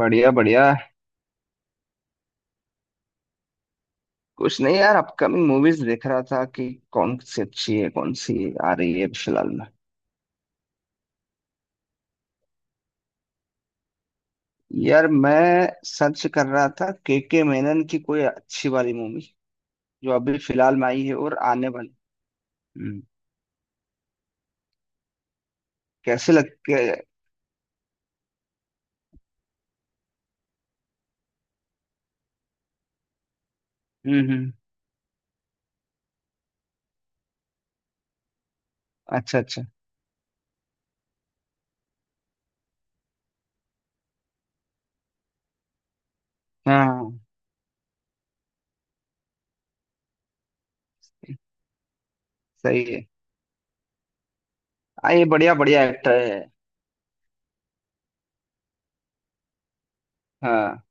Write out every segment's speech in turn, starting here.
बढ़िया बढ़िया। कुछ नहीं यार, अपकमिंग मूवीज देख रहा था कि कौन सी अच्छी है कौन सी आ रही है फिलहाल में। यार, मैं सर्च कर रहा था के मेनन की कोई अच्छी वाली मूवी जो अभी फिलहाल में आई है और आने वाली। हम्म। कैसे लगते है? हम्म। अच्छा अच्छा। हाँ हाँ। सही है। हाँ, ये बढ़िया बढ़िया एक्टर है। हाँ,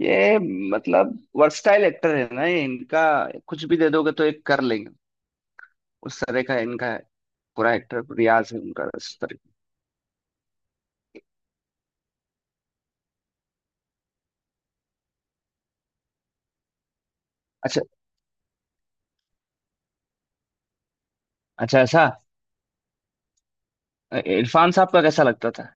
ये मतलब वर्सटाइल एक्टर है ना, ये इनका। कुछ भी दे दोगे तो एक कर लेंगे। उस तरह का इनका है। पूरा एक्टर रियाज है उनका उस तरह। अच्छा, अच्छा ऐसा। इरफान साहब का कैसा लगता था?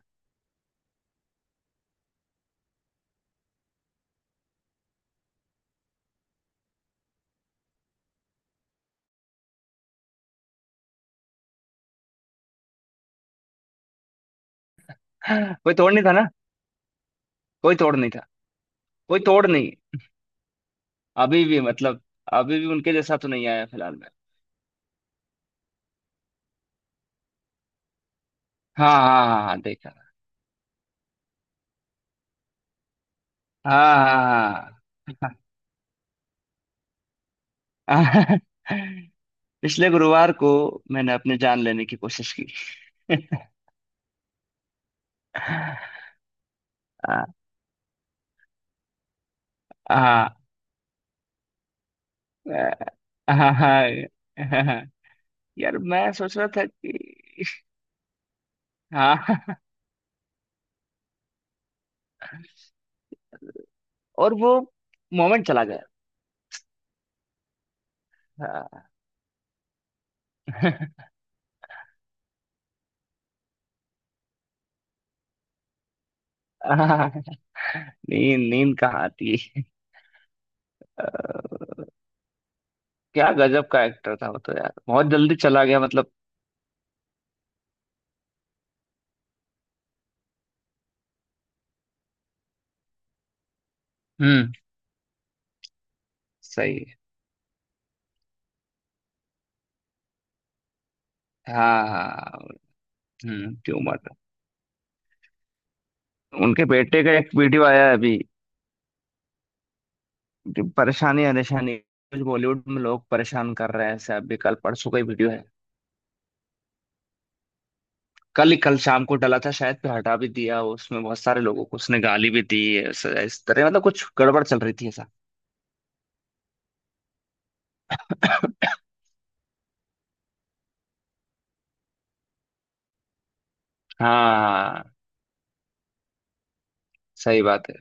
कोई तोड़ नहीं था ना। कोई तोड़ नहीं था। कोई तोड़ नहीं। अभी भी मतलब, अभी भी उनके जैसा तो नहीं आया फिलहाल में। हाँ हाँ हाँ हाँ, देखा। हाँ हाँ हाँ। पिछले गुरुवार को मैंने अपनी जान लेने की कोशिश की। हाँ हाँ हाँ हाँ, हाँ। यार मैं सोच रहा था कि हाँ। और वो मोमेंट चला गया। हाँ। आह, नींद नींद कहाँ आती है। क्या गजब का एक्टर था वो तो यार, बहुत जल्दी चला गया, मतलब। हम्म। सही है। हाँ हाँ हाँ। हम्म, ट्यूमर। उनके बेटे का एक वीडियो आया है अभी कि परेशानी परेशानी बॉलीवुड में लोग परेशान कर रहे हैं ऐसे। अभी कल परसों का ही वीडियो है। कल ही, कल शाम को डला था शायद, फिर हटा भी दिया। उसमें बहुत सारे लोगों को उसने गाली भी दी इस तरह, मतलब कुछ गड़बड़ चल रही थी ऐसा। हाँ हाँ, सही बात है।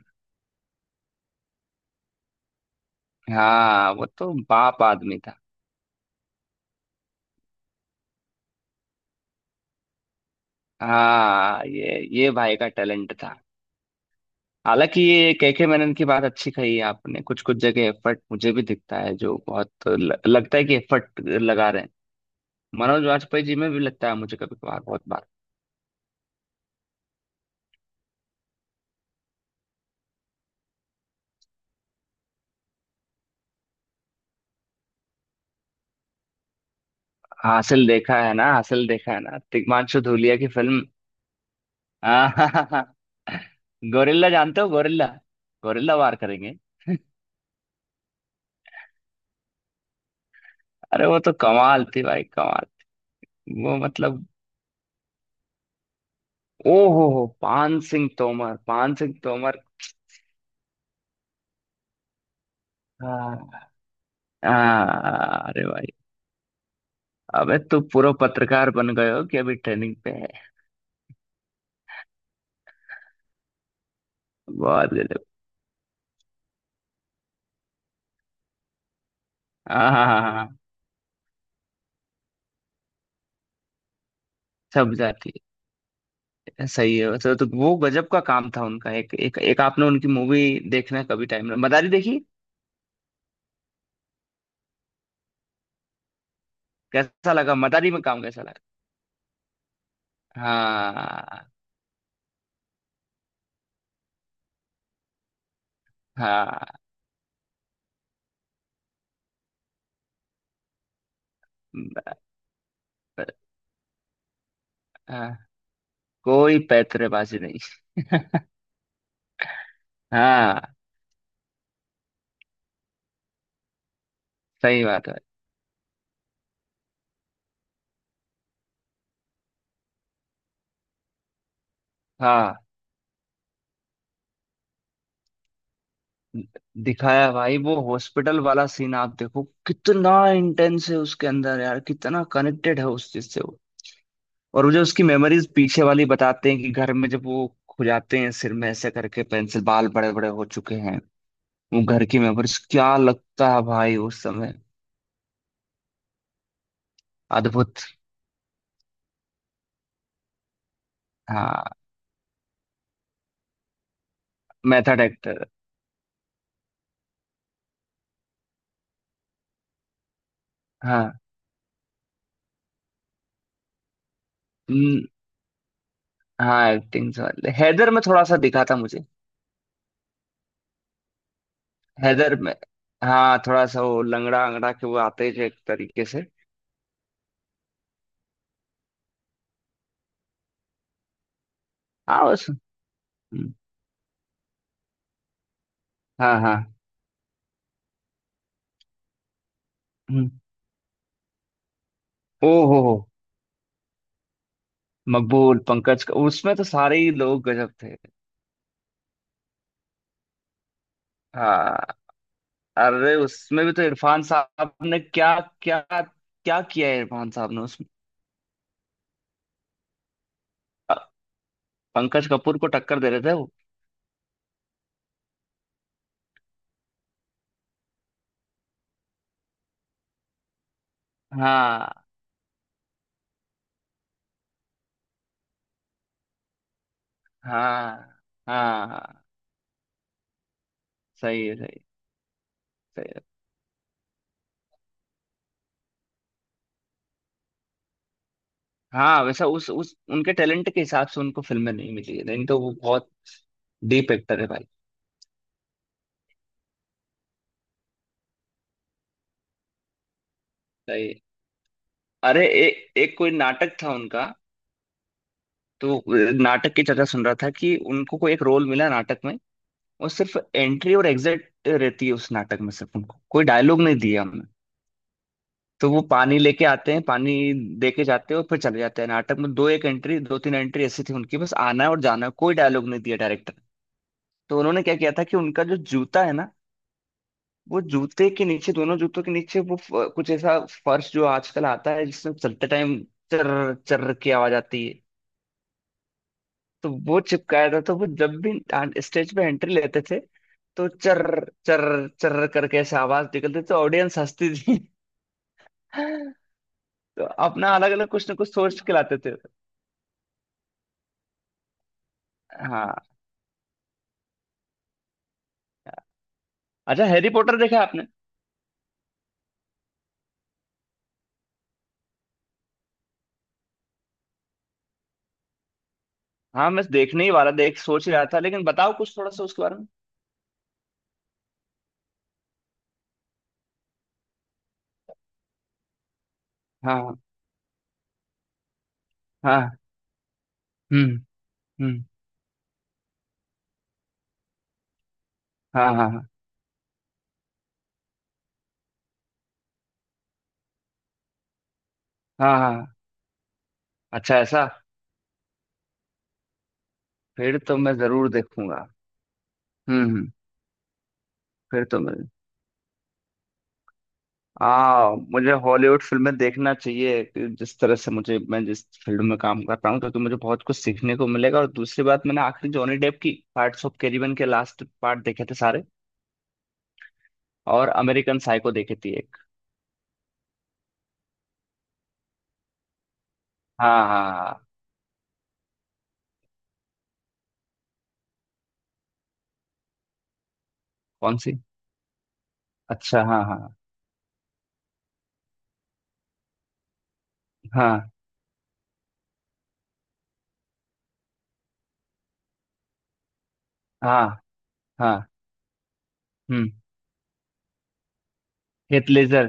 हाँ, वो तो बाप आदमी था। हाँ, ये भाई का टैलेंट था। हालांकि ये केके मैनन की बात अच्छी कही है आपने, कुछ कुछ जगह एफर्ट मुझे भी दिखता है, जो बहुत लगता है कि एफर्ट लगा रहे हैं। मनोज वाजपेयी जी में भी लगता है मुझे कभी कभार, बहुत बार। हासिल देखा है ना, हासिल देखा है ना, तिग्मांशु धूलिया की फिल्म। आहाहा। गोरिल्ला जानते हो, गोरिल्ला। गोरिल्ला वार करेंगे। अरे वो तो कमाल थी भाई, कमाल। वो मतलब। ओ हो, पान सिंह तोमर, पान सिंह तोमर। हाँ हाँ, अरे भाई। अबे, तू पूरा पत्रकार बन गए हो कि अभी ट्रेनिंग पे है? बहुत गजब। हाँ हाँ हाँ हाँ। सब जाती है। सही है। वैसे तो वो गजब का काम था उनका। एक एक एक, आपने उनकी मूवी देखना कभी टाइम, ना मदारी देखी? कैसा लगा मदारी में, काम कैसा लगा? हाँ हाँ। ब- हाँ। कोई पैतरेबाजी नहीं। हाँ। सही बात है। हाँ। दिखाया भाई, वो हॉस्पिटल वाला सीन आप देखो, कितना इंटेंस है उसके अंदर, यार कितना कनेक्टेड है उस चीज से। और मुझे उसकी मेमोरीज पीछे वाली बताते हैं कि घर में जब वो खुजाते हैं सिर में ऐसे करके, पेंसिल बाल बड़े बड़े हो चुके हैं। वो घर की मेमोरीज, क्या लगता है भाई उस समय। अद्भुत। हाँ। Method actor. हाँ। हम्म। हाँ, एक्टिंग वाले हैदर में थोड़ा सा दिखा था मुझे। हैदर में हाँ, थोड़ा सा वो लंगड़ा अंगड़ा के वो आते हैं, जो एक तरीके से। हाँ बस। हम्म। हाँ हाँ। हम्म। ओ हो हो। मकबूल, पंकज का, उसमें तो सारे ही लोग गजब थे। हाँ। अरे उसमें भी तो इरफान साहब ने क्या क्या क्या किया है, इरफान साहब ने उसमें। अ- पंकज कपूर को टक्कर दे रहे थे वो। हाँ हाँ हाँ हाँ, सही है, सही। सही है। हाँ वैसा उस उनके टैलेंट के हिसाब से उनको फिल्में नहीं मिली है, नहीं तो वो बहुत डीप एक्टर है भाई। सही है। अरे एक एक कोई नाटक था उनका। तो नाटक की चर्चा सुन रहा था कि उनको कोई एक रोल मिला नाटक में। वो सिर्फ एंट्री और एग्जिट रहती है उस नाटक में, सिर्फ उनको कोई डायलॉग नहीं दिया हमने। तो वो पानी लेके आते हैं, पानी दे के जाते हैं, और फिर चले जाते हैं। नाटक में दो एक एंट्री, दो तीन एंट्री ऐसी थी उनकी, बस आना है और जाना है, कोई डायलॉग नहीं दिया डायरेक्टर। तो उन्होंने क्या किया था कि उनका जो जूता है ना, वो जूते के नीचे, दोनों जूतों के नीचे वो कुछ ऐसा फर्श जो आजकल आता है जिसमें चलते टाइम चर्र चर्र की आवाज आती है, तो वो चिपकाया था। तो वो जब भी स्टेज पे एंट्री लेते थे तो चर्र चर्र चर्र करके ऐसे आवाज निकलती थी, तो ऑडियंस हंसती थी। तो अपना अलग अलग कुछ ना कुछ सोच के लाते थे। हाँ। अच्छा, हैरी पॉटर देखा आपने? हाँ, मैं देखने ही वाला, देख सोच ही रहा था, लेकिन बताओ कुछ थोड़ा सा उसके बारे में। हाँ हाँ हाँ। हम्म हम्म। हाँ हाँ। हाँ हाँ हाँ। अच्छा ऐसा। फिर तो मैं जरूर देखूंगा। हम्म। फिर तो मैं। हाँ, मुझे हॉलीवुड फिल्में देखना चाहिए कि जिस तरह से मुझे, मैं जिस फील्ड में काम कर रहा हूँ, क्योंकि मुझे बहुत कुछ सीखने को मिलेगा। और दूसरी बात, मैंने आखिरी जॉनी डेप की पार्ट्स ऑफ कैरिबियन के लास्ट पार्ट देखे थे सारे। और अमेरिकन साइको देखी थी एक। हाँ हाँ हाँ। कौन सी? अच्छा, हाँ हाँ। हाँ हाँ हाँ। हम्म। Heath Ledger.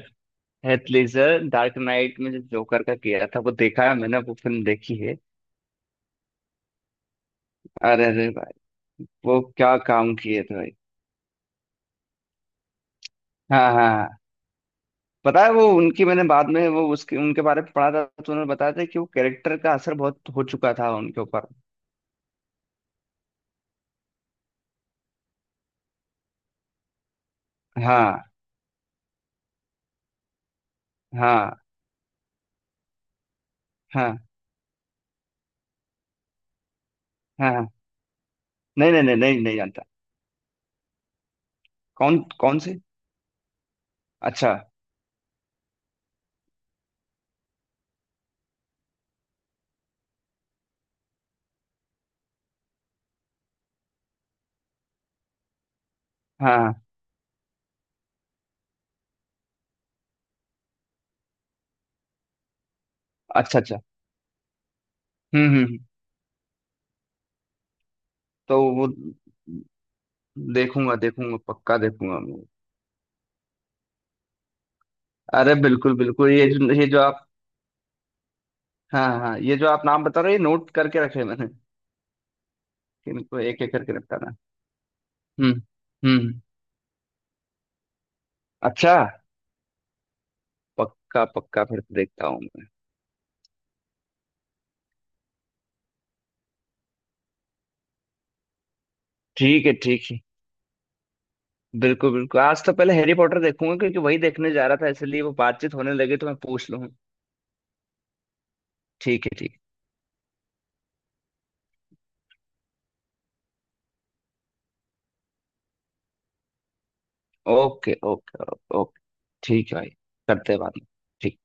Heath Ledger Dark Knight में जो जोकर का किया था वो देखा है मैंने, वो फिल्म देखी है। अरे अरे भाई। वो क्या काम किए थे भाई। हाँ हाँ हाँ। पता है, वो उनकी मैंने बाद में, वो उसके उनके बारे में पढ़ा था, तो उन्होंने बताया था कि वो कैरेक्टर का असर बहुत हो चुका था उनके ऊपर। हाँ हाँ हाँ हाँ हाँ। नहीं नहीं नहीं नहीं, नहीं जानता। कौन कौन से? अच्छा। हाँ हाँ। अच्छा अच्छा। हम्म हम्म हम्म। तो वो देखूंगा, देखूंगा, पक्का देखूंगा। अरे बिल्कुल बिल्कुल, ये जो आप। हाँ हाँ, ये जो आप नाम बता रहे हो ये नोट करके रखे हैं मैंने, कि इनको एक एक करके निपटाना है। हम्म। हम्म। अच्छा। पक्का पक्का, फिर तो देखता हूँ मैं। ठीक है, ठीक है। बिल्कुल बिल्कुल, आज तो पहले हैरी पॉटर देखूंगा, क्योंकि वही देखने जा रहा था इसलिए वो बातचीत होने लगी तो मैं पूछ लूँ। ठीक है, ठीक है। Okay okay. ओके। ठीक है भाई। करते हैं बाद में। ठीक।